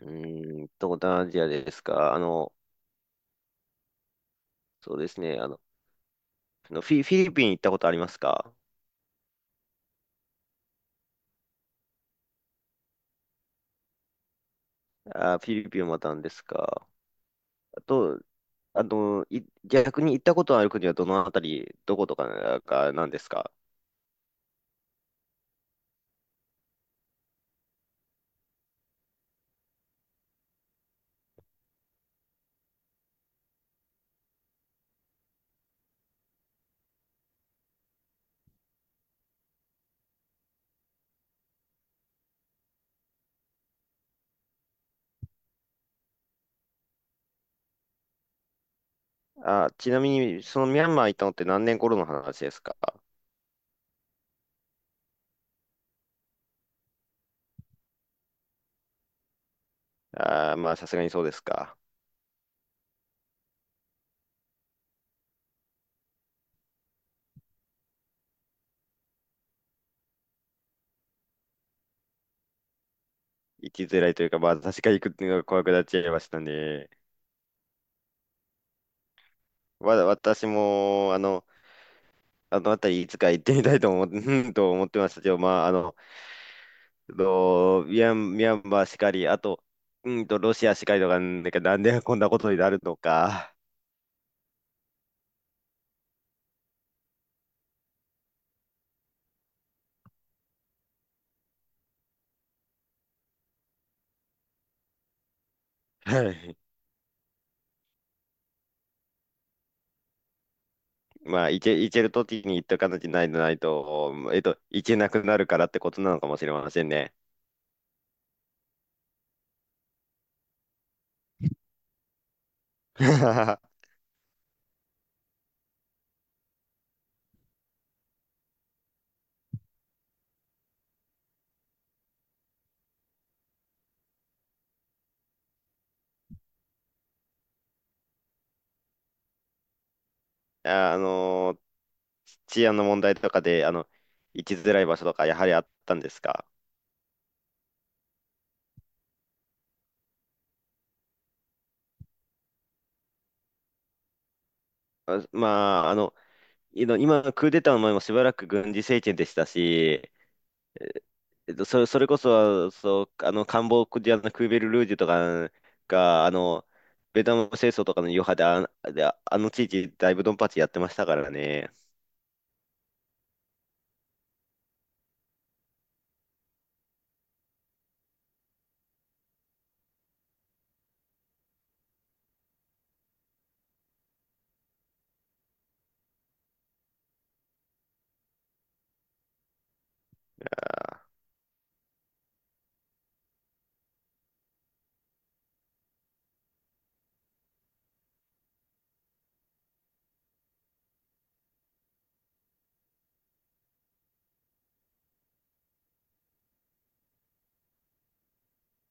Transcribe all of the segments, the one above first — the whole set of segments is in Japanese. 東南アジアですか。そうですね。フィリピン行ったことありますか？あフィリピンもまたんですか。あと、逆に行ったことある国はどのあたり、どことかがなんですか？あちなみに、そのミャンマー行ったのって何年頃の話ですか？あー、まあ、さすがにそうですか。行きづらいというか、まあ、確かに行くっていうのが怖くなっちゃいましたね。私も、あのあたりいつか行ってみたいと思ってましたけど、まあ、あの、と、ミャン、ミャンマーしかり、あと、ロシアしかりとか、なんか、なんでこんなことになるのか。はい。まあ、行ける時に行っとかなきゃないとないと、えっと、行けなくなるからってことなのかもしれませんね。ああ治安の問題とかで、行きづらい場所とか、やはりあったんですか？あまあ、今、クーデターの前もしばらく軍事政権でしたし、えっと、それこそ、そう、カンボジアのクーベルルージュとかが、ベトナム戦争とかの余波で、あの地域、だいぶドンパチやってましたからね。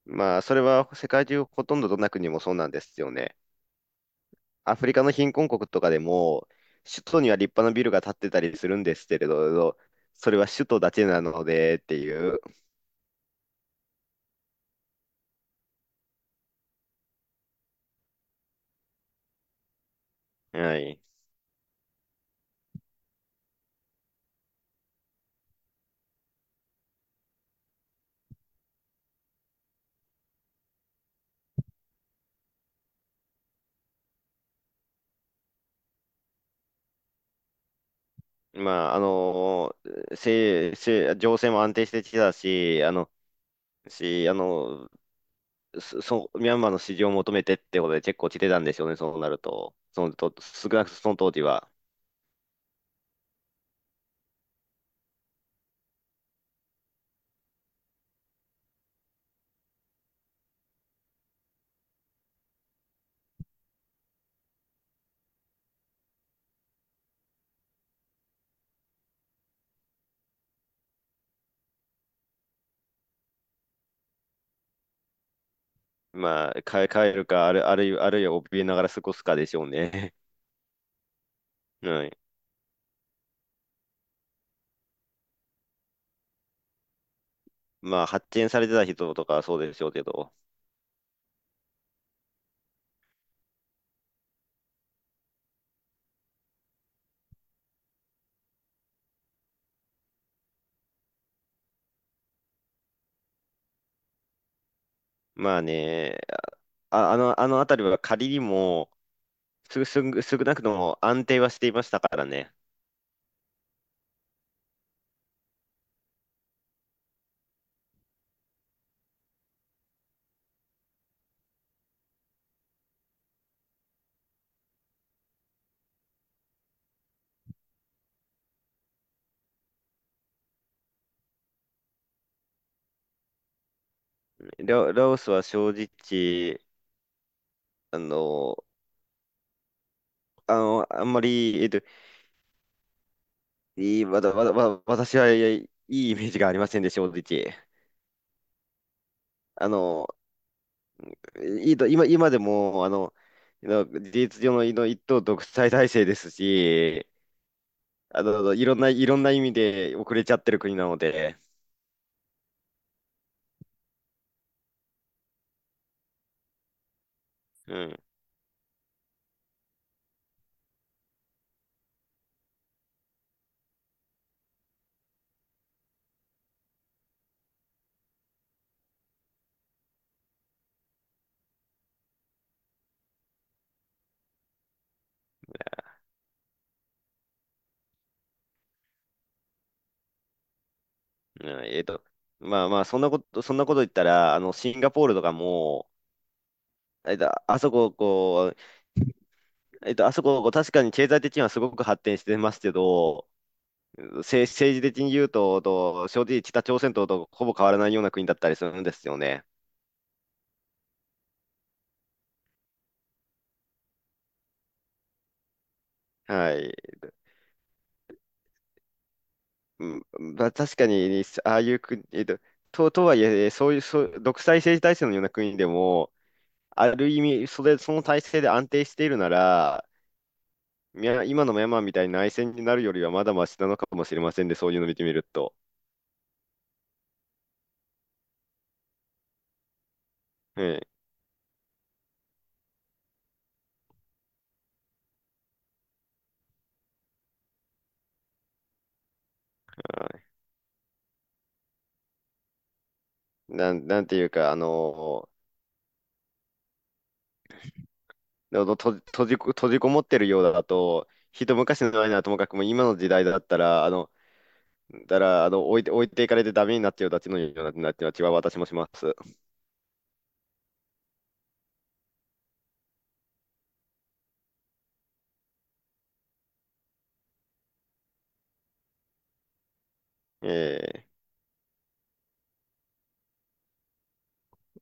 まあ、それは世界中ほとんどどんな国もそうなんですよね。アフリカの貧困国とかでも、首都には立派なビルが建ってたりするんですけれど、それは首都だけなのでっていう。はい。まあ、あの、せ、せ、情勢も安定してきたし、し、あの、そう、ミャンマーの支持を求めてってことで結構来てたんでしょうね、そうなると。そのと、少なくともその当時は。まあ、帰るか、ある、あるいは、あるいは怯えながら過ごすかでしょうね。はい。まあ、発見されてた人とかはそうでしょうけど。まあね、あの辺りは仮にも、少なくとも安定はしていましたからね。ラオスは正直、あの、あんまり、えっと、いい、わたわたわ私はいいイメージがありませんで、正直。あの、いいと、今、今でも、事実上の、の一党独裁体制ですし、あの、いろんな意味で遅れちゃってる国なので、うん、うんえっと、まあまあ、そんなこと言ったら、あの、シンガポールとかも、えっと、あそこ、こう、えっと、あそこ、こう確かに経済的にはすごく発展してますけど、政治的に言うと、正直北朝鮮とほぼ変わらないような国だったりするんですよね。はい。うん。まあ、確かに、ああいう国、とはいえ、そういう、そう、独裁政治体制のような国でも、ある意味、その体制で安定しているなら、ミャン今のミャンマーみたいに内戦になるよりはまだマシなのかもしれませんで、そういうのを見てみると。うん。なんていうか、あの、ののと閉じこ、閉じこもってるようだと、一昔の前ならともかくも今の時代だったら、あの、だから、あの、置いて、置いていかれてダメになっちゃうたちのような、なっては私もします。え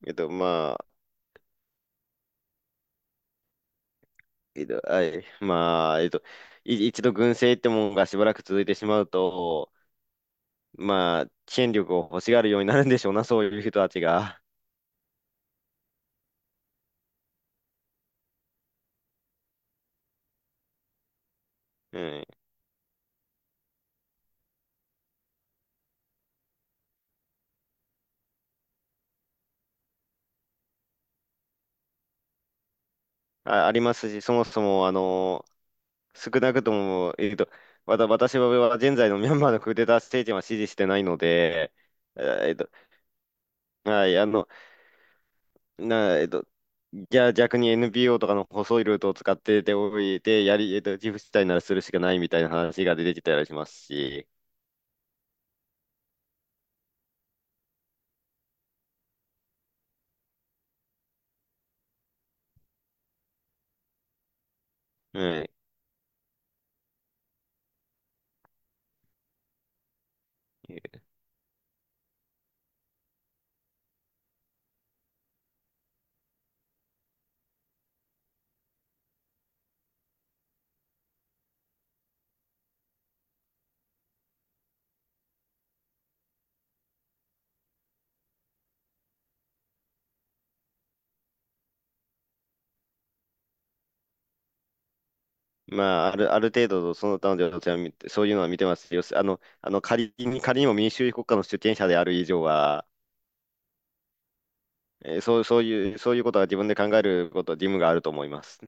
ええっと、まあ、はい。まあ、一度軍政ってもんがしばらく続いてしまうと、まあ、権力を欲しがるようになるんでしょうな、そういう人たちが。うん。ありますし、そもそも、少なくとも、私は現在のミャンマーのクーデター政権は支持してないので、えっと、はい、あの、な、えっと、じゃあ逆に NPO とかの細いルートを使ってていて、やり、えっと、自負したいならするしかないみたいな話が出てきたりしますし、うん。まあ、ある程度、その他の領地は見て、そういうのは見てます。よし、仮にも民主主義国家の主権者である以上は、えーそう、そういう、そういうことは自分で考えること、義務があると思います。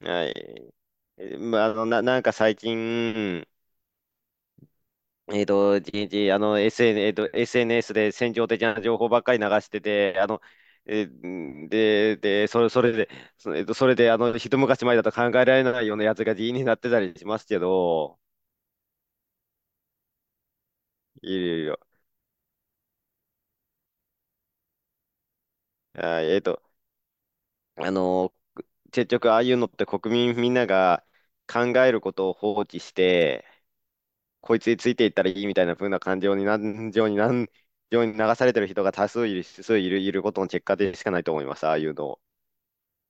はい。えーまあ、なんか最近、えっと、じじあの、SN、えーと、SNS で戦場的な情報ばっかり流してて、あの、えーで、で、それ、それで、そえーと、それで、あの、一昔前だと考えられないようなやつが議員になってたりしますけど、いるいる。はいえっと、あの、結局ああいうのって国民みんなが考えることを放棄して、こいつについていったらいいみたいな風な感情に流されてる人が多数いる、数いる、いることの結果でしかないと思います、ああいうの。